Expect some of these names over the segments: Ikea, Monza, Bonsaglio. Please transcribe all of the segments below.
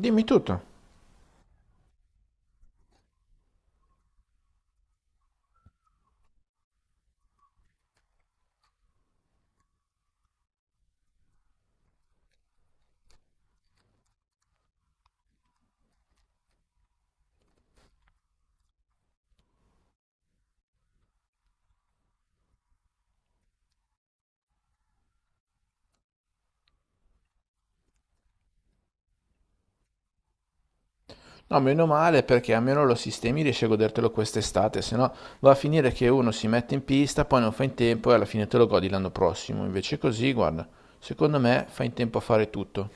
Dimmi tutto. No, meno male perché almeno lo sistemi riesci a godertelo quest'estate, se no va a finire che uno si mette in pista, poi non fa in tempo e alla fine te lo godi l'anno prossimo. Invece così, guarda, secondo me fa in tempo a fare tutto.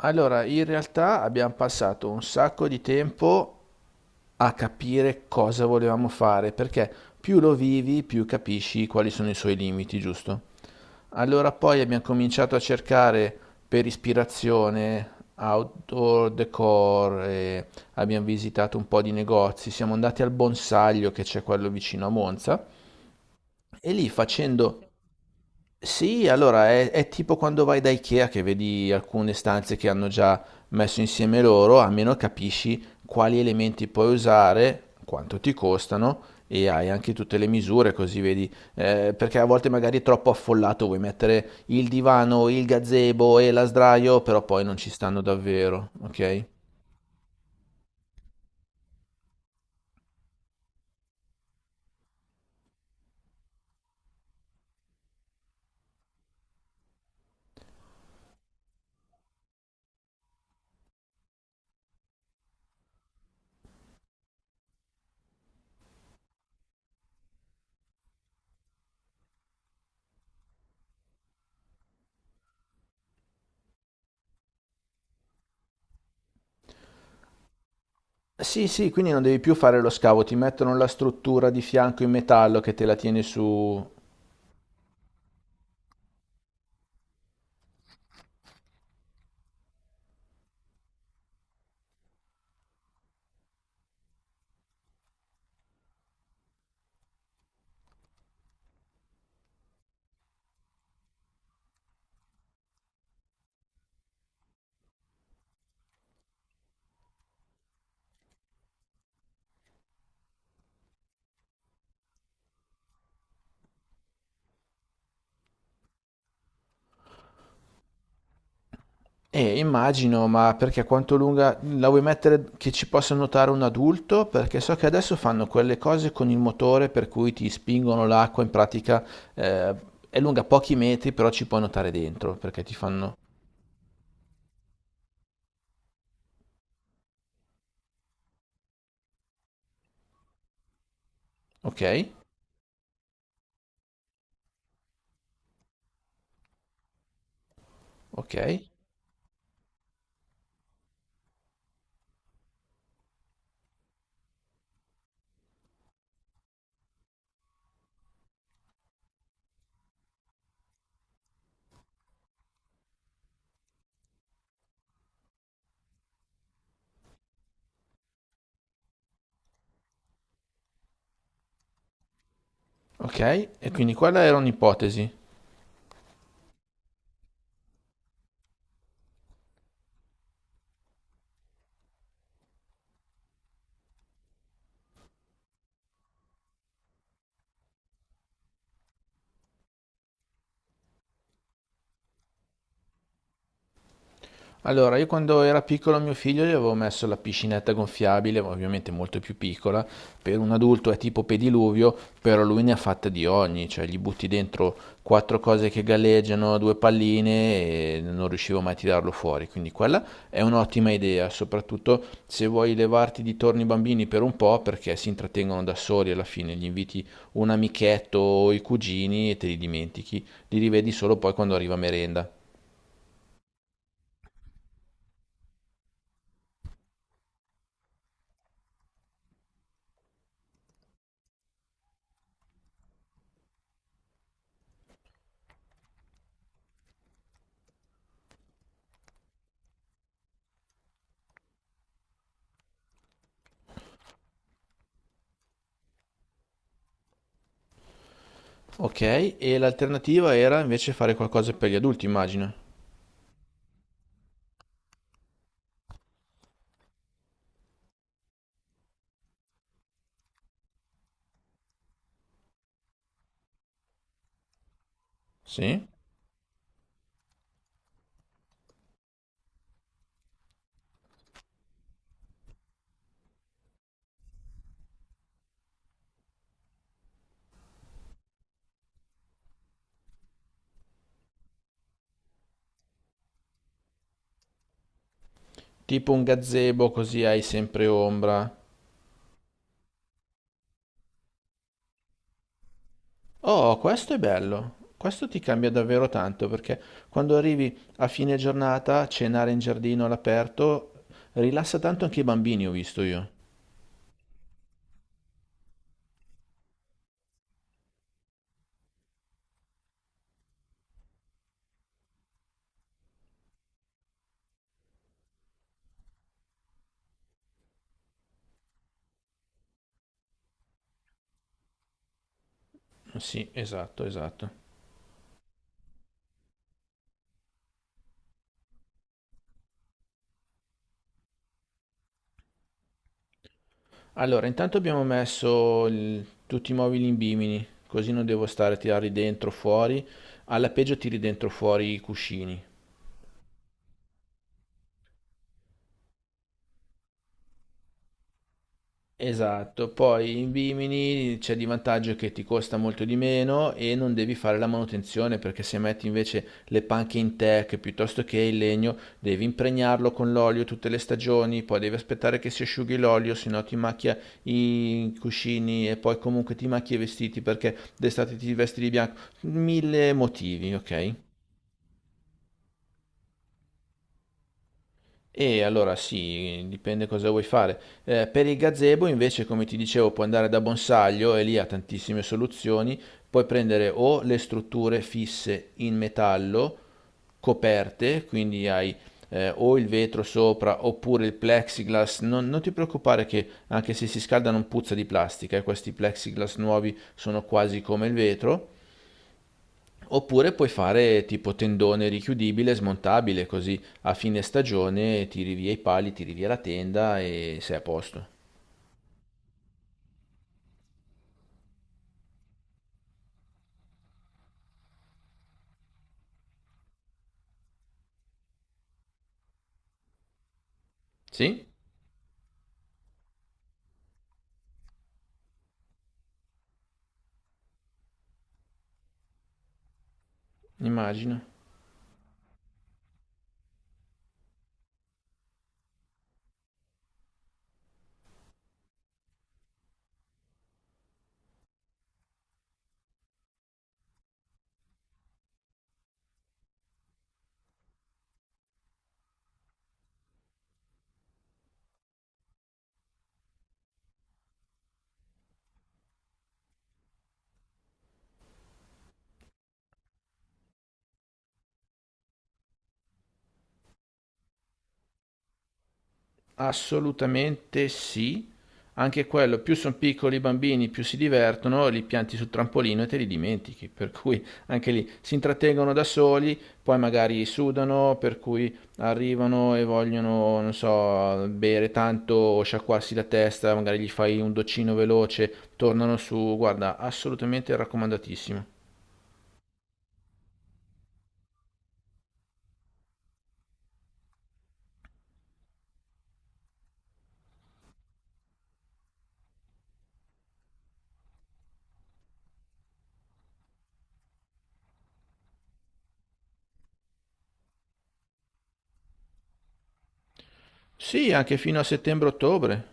Allora, in realtà abbiamo passato un sacco di tempo a capire cosa volevamo fare, perché più lo vivi, più capisci quali sono i suoi limiti, giusto? Allora poi abbiamo cominciato a cercare per ispirazione outdoor decor, e abbiamo visitato un po' di negozi, siamo andati al Bonsaglio che c'è quello vicino a Monza e lì Sì, allora è tipo quando vai da Ikea che vedi alcune stanze che hanno già messo insieme loro, almeno capisci quali elementi puoi usare, quanto ti costano e hai anche tutte le misure così vedi, perché a volte magari è troppo affollato, vuoi mettere il divano, il gazebo e la sdraio, però poi non ci stanno davvero, ok? Sì, sì, quindi non devi più fare lo scavo, ti mettono la struttura di fianco in metallo che te la tiene su. Immagino, ma perché quanto lunga la vuoi mettere che ci possa nuotare un adulto? Perché so che adesso fanno quelle cose con il motore per cui ti spingono l'acqua, in pratica eh, è lunga pochi metri, però ci puoi nuotare dentro, perché ti Ok, ok, ok, e quindi quella era un'ipotesi. Allora, io quando era piccolo a mio figlio gli avevo messo la piscinetta gonfiabile, ovviamente molto più piccola, per un adulto è tipo pediluvio, però lui ne ha fatta di ogni, cioè gli butti dentro quattro cose che galleggiano, due palline e non riuscivo mai a tirarlo fuori, quindi quella è un'ottima idea, soprattutto se vuoi levarti di torno i bambini per un po' perché si intrattengono da soli alla fine, gli inviti un amichetto o i cugini e te li dimentichi, li rivedi solo poi quando arriva merenda. Ok, e l'alternativa era invece fare qualcosa per gli adulti, immagino. Sì? Tipo un gazebo così hai sempre ombra. Oh, questo è bello. Questo ti cambia davvero tanto perché quando arrivi a fine giornata, cenare in giardino all'aperto, rilassa tanto anche i bambini, ho visto io. Sì, esatto, esatto. Allora, intanto abbiamo messo tutti i mobili in bimini, così non devo stare a tirarli dentro, fuori. Alla peggio tiri dentro fuori i cuscini. Esatto, poi in Bimini c'è di vantaggio che ti costa molto di meno e non devi fare la manutenzione perché se metti invece le panche in teak piuttosto che il legno devi impregnarlo con l'olio tutte le stagioni, poi devi aspettare che si asciughi l'olio, se no ti macchia i cuscini e poi comunque ti macchia i vestiti perché d'estate ti vesti di bianco, mille motivi, ok? E allora sì, dipende cosa vuoi fare. Per il gazebo invece, come ti dicevo, puoi andare da Bonsaglio e lì ha tantissime soluzioni. Puoi prendere o le strutture fisse in metallo, coperte, quindi hai o il vetro sopra oppure il plexiglass. Non ti preoccupare che anche se si scalda non puzza di plastica, questi plexiglass nuovi sono quasi come il vetro. Oppure puoi fare tipo tendone richiudibile, smontabile, così a fine stagione tiri via i pali, tiri via la tenda e sei a posto. Sì? Immagino. Assolutamente sì. Anche quello, più sono piccoli i bambini, più si divertono, li pianti sul trampolino e te li dimentichi, per cui anche lì si intrattengono da soli, poi magari sudano, per cui arrivano e vogliono, non so, bere tanto o sciacquarsi la testa, magari gli fai un doccino veloce, tornano su, guarda, assolutamente raccomandatissimo. Sì, anche fino a settembre-ottobre.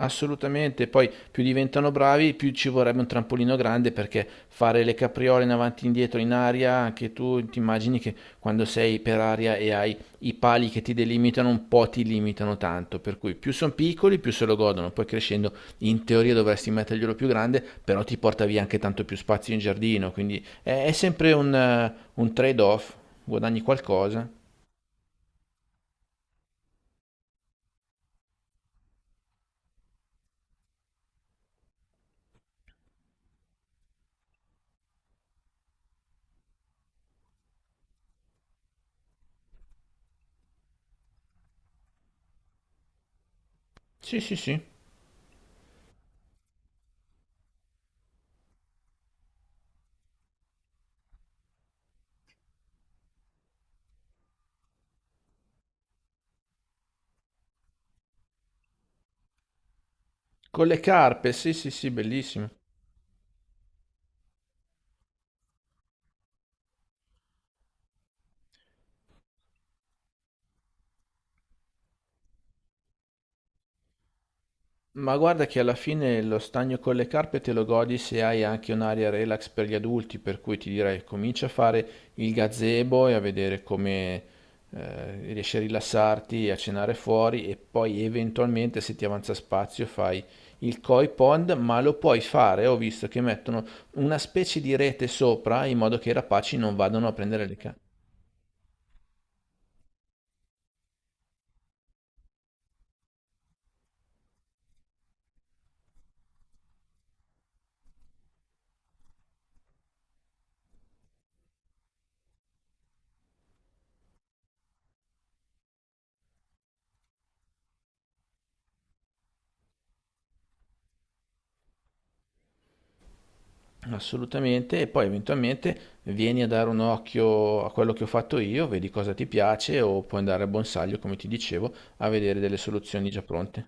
Assolutamente, poi più diventano bravi, più ci vorrebbe un trampolino grande perché fare le capriole in avanti e indietro in aria, anche tu ti immagini che quando sei per aria e hai i pali che ti delimitano un po' ti limitano tanto, per cui più sono piccoli più se lo godono, poi crescendo in teoria dovresti metterglielo più grande, però ti porta via anche tanto più spazio in giardino, quindi è sempre un trade-off, guadagni qualcosa. Sì, sì, sì. Con le carpe, sì, sì, sì, bellissimo. Ma guarda che alla fine lo stagno con le carpe te lo godi se hai anche un'area relax per gli adulti, per cui ti direi comincia a fare il gazebo e a vedere come riesci a rilassarti, a cenare fuori e poi eventualmente se ti avanza spazio fai il koi pond, ma lo puoi fare, ho visto che mettono una specie di rete sopra in modo che i rapaci non vadano a prendere le carpe. Assolutamente, e poi eventualmente vieni a dare un occhio a quello che ho fatto io, vedi cosa ti piace o puoi andare a Bonsaglio, come ti dicevo, a vedere delle soluzioni già pronte.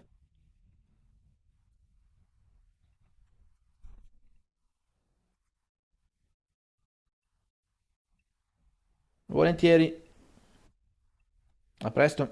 Volentieri, a presto!